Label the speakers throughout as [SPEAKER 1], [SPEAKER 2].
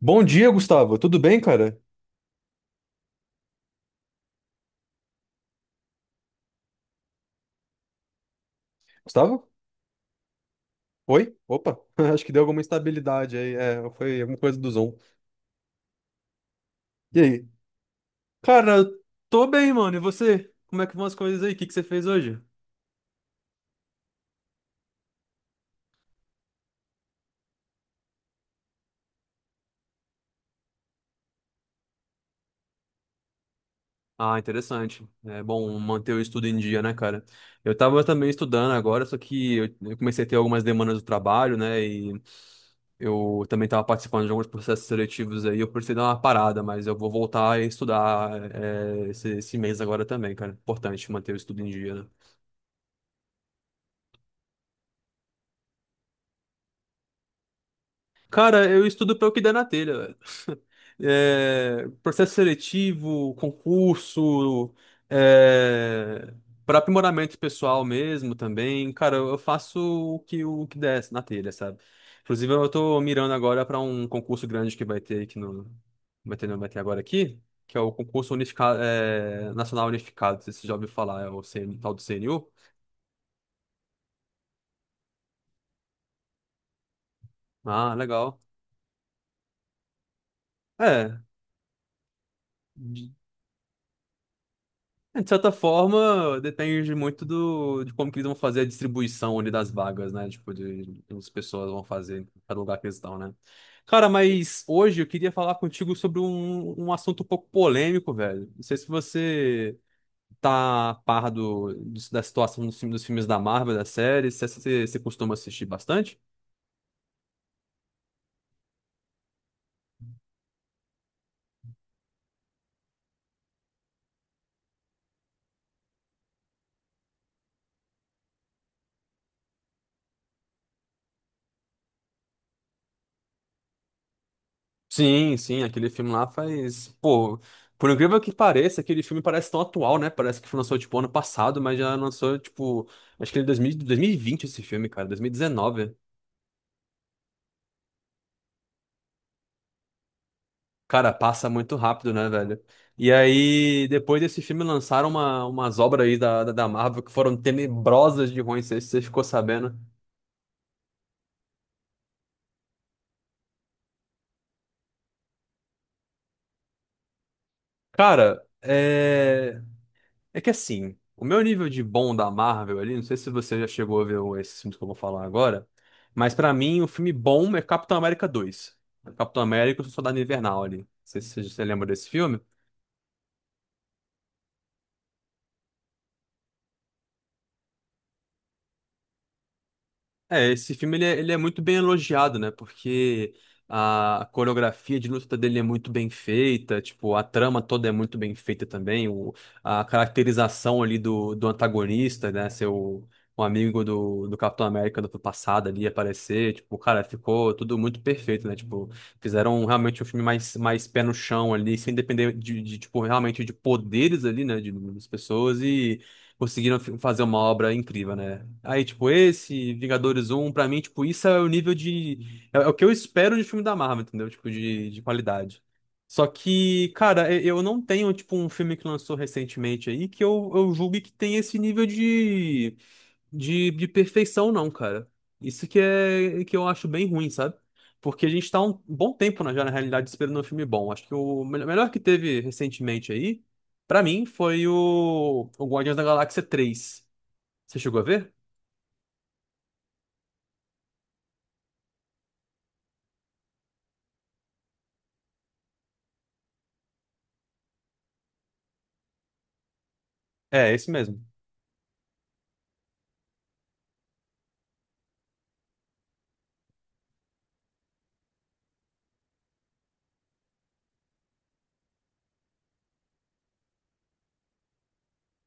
[SPEAKER 1] Bom dia, Gustavo. Tudo bem, cara? Gustavo? Oi? Opa, acho que deu alguma instabilidade aí. É, foi alguma coisa do Zoom. E aí? Cara, eu tô bem, mano. E você? Como é que vão as coisas aí? O que que você fez hoje? Ah, interessante. É bom manter o estudo em dia, né, cara? Eu tava também estudando agora, só que eu comecei a ter algumas demandas do trabalho, né? E eu também estava participando de alguns processos seletivos aí. Eu precisei dar uma parada, mas eu vou voltar a estudar é, esse mês agora também, cara. Importante manter o estudo em dia, né? Cara, eu estudo pelo que der na telha, velho. É, processo seletivo, concurso, é, para aprimoramento pessoal mesmo também. Cara, eu faço o que der na telha, sabe? Inclusive, eu tô mirando agora para um concurso grande que vai ter aqui no. Vai ter, não, vai ter agora aqui, que é o concurso unificado, é, nacional unificado. Não sei se você já ouviu falar, é o CN, tal do CNU. Ah, legal. É. É, de certa forma, depende muito de como que eles vão fazer a distribuição ali das vagas, né? Tipo, de como as pessoas vão fazer em cada lugar que eles estão, né? Cara, mas hoje eu queria falar contigo sobre um assunto um pouco polêmico, velho. Não sei se você tá a par da situação dos filmes da Marvel, das séries, se você costuma assistir bastante. Sim, sim, aquele filme lá faz. Pô, por incrível que pareça, aquele filme parece tão atual, né? Parece que foi lançou, tipo, ano passado, mas já lançou, tipo. Acho que ele é 2020 esse filme, cara, 2019. Cara, passa muito rápido, né, velho? E aí, depois desse filme, lançaram umas obras aí da Marvel que foram tenebrosas de ruins, não sei se você ficou sabendo. Cara, é. É que assim, o meu nível de bom da Marvel ali, não sei se você já chegou a ver o- esses filmes que eu vou falar agora, mas pra mim o filme bom é Capitão América 2. Capitão América e o Soldado Invernal ali. Não sei se você lembra desse filme. É, esse filme ele é muito bem elogiado, né? Porque a coreografia de luta dele é muito bem feita, tipo, a trama toda é muito bem feita também, o, a caracterização ali do antagonista, né? Seu um amigo do Capitão América do passado ali aparecer, tipo, cara, ficou tudo muito perfeito, né? Tipo, fizeram realmente um filme mais pé no chão ali, sem depender tipo, realmente de poderes ali, né? De, das pessoas e conseguiram fazer uma obra incrível, né? Aí, tipo, esse, Vingadores 1 pra mim, tipo, isso é o nível de. É, é o que eu espero de filme da Marvel, entendeu? Tipo, de qualidade. Só que, cara, eu não tenho, tipo, um filme que lançou recentemente aí que eu julgue que tem esse nível de perfeição, não, cara. Isso que é que eu acho bem ruim, sabe? Porque a gente tá um bom tempo já, na realidade, esperando um filme bom. Acho que o melhor que teve recentemente aí, pra mim, foi o Guardiões da Galáxia 3. Você chegou a ver? É, esse mesmo.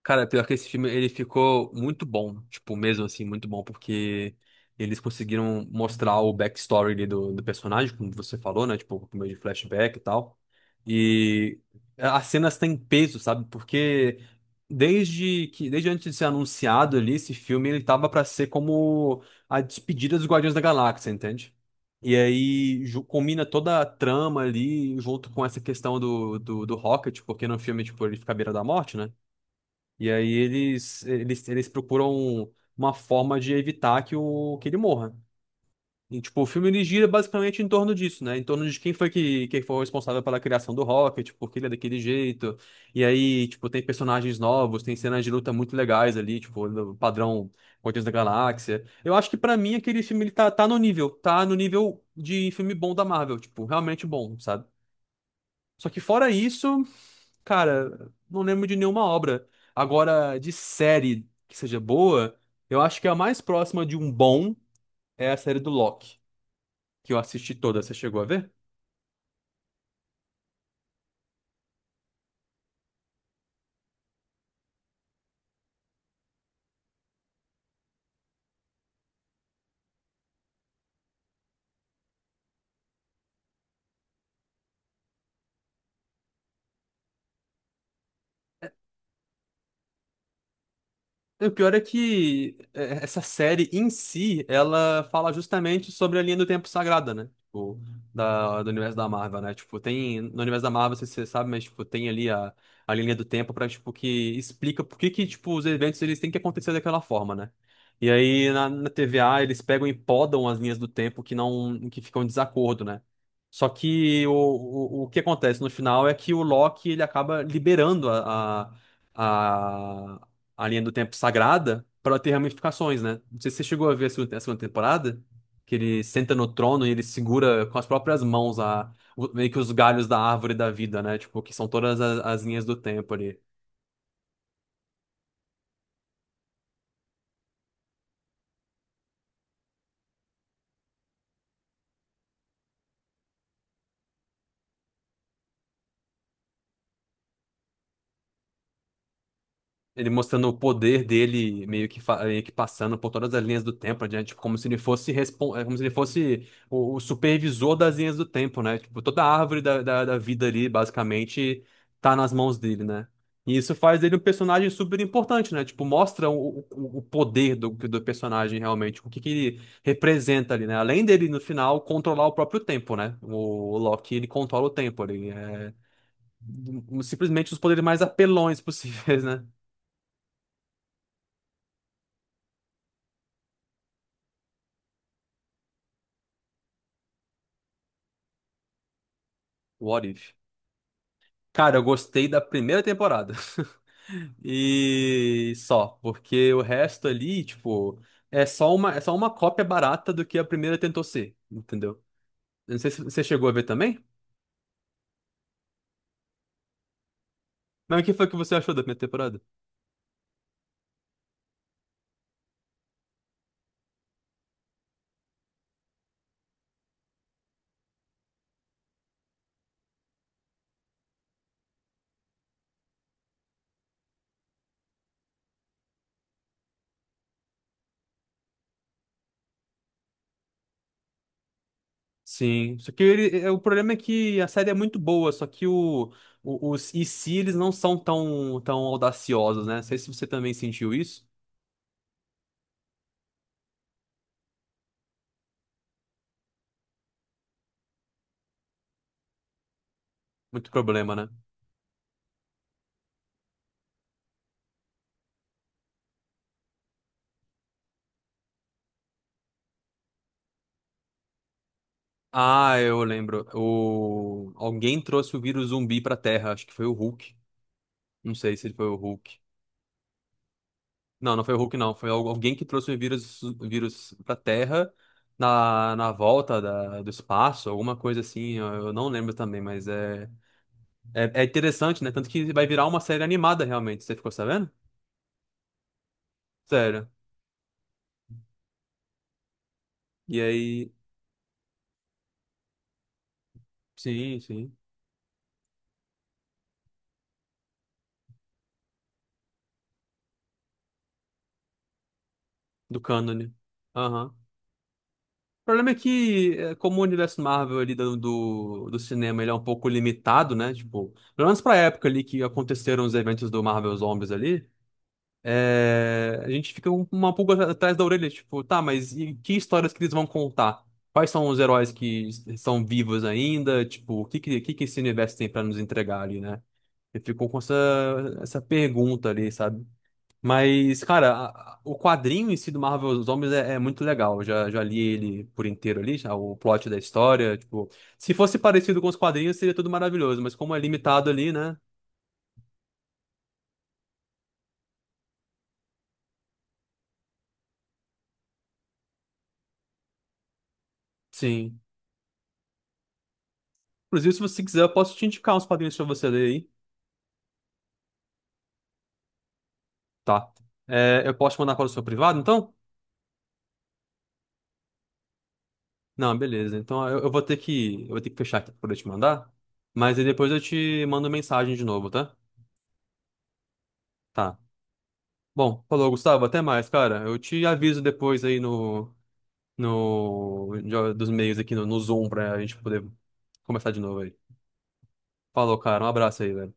[SPEAKER 1] Cara, pior que esse filme, ele ficou muito bom, tipo, mesmo assim, muito bom, porque eles conseguiram mostrar o backstory ali do personagem, como você falou, né? Tipo, por meio de flashback e tal. E as cenas têm peso, sabe? Porque desde antes de ser anunciado ali, esse filme, ele tava pra ser como a despedida dos Guardiões da Galáxia, entende? E aí combina toda a trama ali junto com essa questão do Rocket, porque no filme, tipo, ele fica à beira da morte, né? E aí eles procuram uma forma de evitar que ele morra. E, tipo, o filme ele gira basicamente em torno disso, né? Em torno de quem foi que, quem foi o responsável pela criação do Rocket, tipo, porque ele é daquele jeito. E aí, tipo, tem personagens novos, tem cenas de luta muito legais ali, tipo, no padrão Guardiões da Galáxia. Eu acho que pra mim aquele filme tá no nível de filme bom da Marvel, tipo, realmente bom, sabe? Só que fora isso. Cara, não lembro de nenhuma obra. Agora, de série que seja boa, eu acho que a mais próxima de um bom é a série do Loki, que eu assisti toda. Você chegou a ver? O pior é que é, essa série em si, ela fala justamente sobre a linha do tempo sagrada, né? Tipo, do universo da Marvel, né? Tipo, tem. No universo da Marvel, você sabe, mas tipo, tem ali a linha do tempo pra, tipo, que explica por que que, tipo, os eventos eles têm que acontecer daquela forma, né? E aí na TVA eles pegam e podam as linhas do tempo que não, que ficam em desacordo, né? Só que o que acontece no final é que o Loki ele acaba liberando a a linha do tempo sagrada pra ela ter ramificações, né? Não sei se você chegou a ver a a segunda temporada, que ele senta no trono e ele segura com as próprias mãos meio que os galhos da árvore da vida, né? Tipo, que são todas as linhas do tempo ali. Ele mostrando o poder dele, meio que, meio que passando por todas as linhas do tempo, né? Tipo, como se ele fosse, como se ele fosse o supervisor das linhas do tempo, né? Tipo, toda a árvore da vida ali, basicamente, tá nas mãos dele, né? E isso faz dele um personagem super importante, né? Tipo, mostra o poder do personagem realmente, que ele representa ali, né? Além dele, no final, controlar o próprio tempo, né? O Loki, ele controla o tempo ali. É, simplesmente os poderes mais apelões possíveis, né? What if? Cara, eu gostei da primeira temporada. E só, porque o resto ali, tipo, é só é só uma cópia barata do que a primeira tentou ser, entendeu? Eu não sei se você chegou a ver também, mas o que foi que você achou da primeira temporada? Sim, só que ele, é, o problema é que a série é muito boa, só que os e se eles não são tão audaciosos, né? Não sei se você também sentiu isso. Muito problema, né? Ah, eu lembro. O... Alguém trouxe o vírus zumbi pra Terra, acho que foi o Hulk. Não sei se ele foi o Hulk. Não, não foi o Hulk, não. Foi alguém que trouxe o vírus pra Terra na volta do espaço, alguma coisa assim. Eu não lembro também, mas é interessante, né? Tanto que vai virar uma série animada, realmente. Você ficou sabendo? Sério. E aí. Sim, sim. Do cânone. Aham. O problema é que, é, como o universo Marvel ali do cinema ele é um pouco limitado, né? Tipo, pelo menos pra época ali que aconteceram os eventos do Marvel Zombies ali. É, a gente fica com uma pulga atrás da orelha, tipo, tá, mas e que histórias que eles vão contar? Quais são os heróis que são vivos ainda? Tipo, o que que esse universo tem pra nos entregar ali, né? Eu fico com essa, essa pergunta ali, sabe? Mas, cara, o quadrinho em si do Marvel Zombies é muito legal. Já li ele por inteiro ali, já, o plot da história. Tipo, se fosse parecido com os quadrinhos, seria tudo maravilhoso, mas como é limitado ali, né? Sim. Inclusive, se você quiser, eu posso te indicar uns quadrinhos pra você ler aí. Tá. É, eu posso te mandar para o seu privado, então? Não, beleza. Então eu vou ter eu vou ter que fechar aqui para poder te mandar. Mas aí depois eu te mando mensagem de novo, tá? Tá. Bom, falou, Gustavo. Até mais, cara. Eu te aviso depois aí no, no, de- dos meios aqui no Zoom pra gente poder começar de novo aí. Falou, cara. Um abraço aí, velho.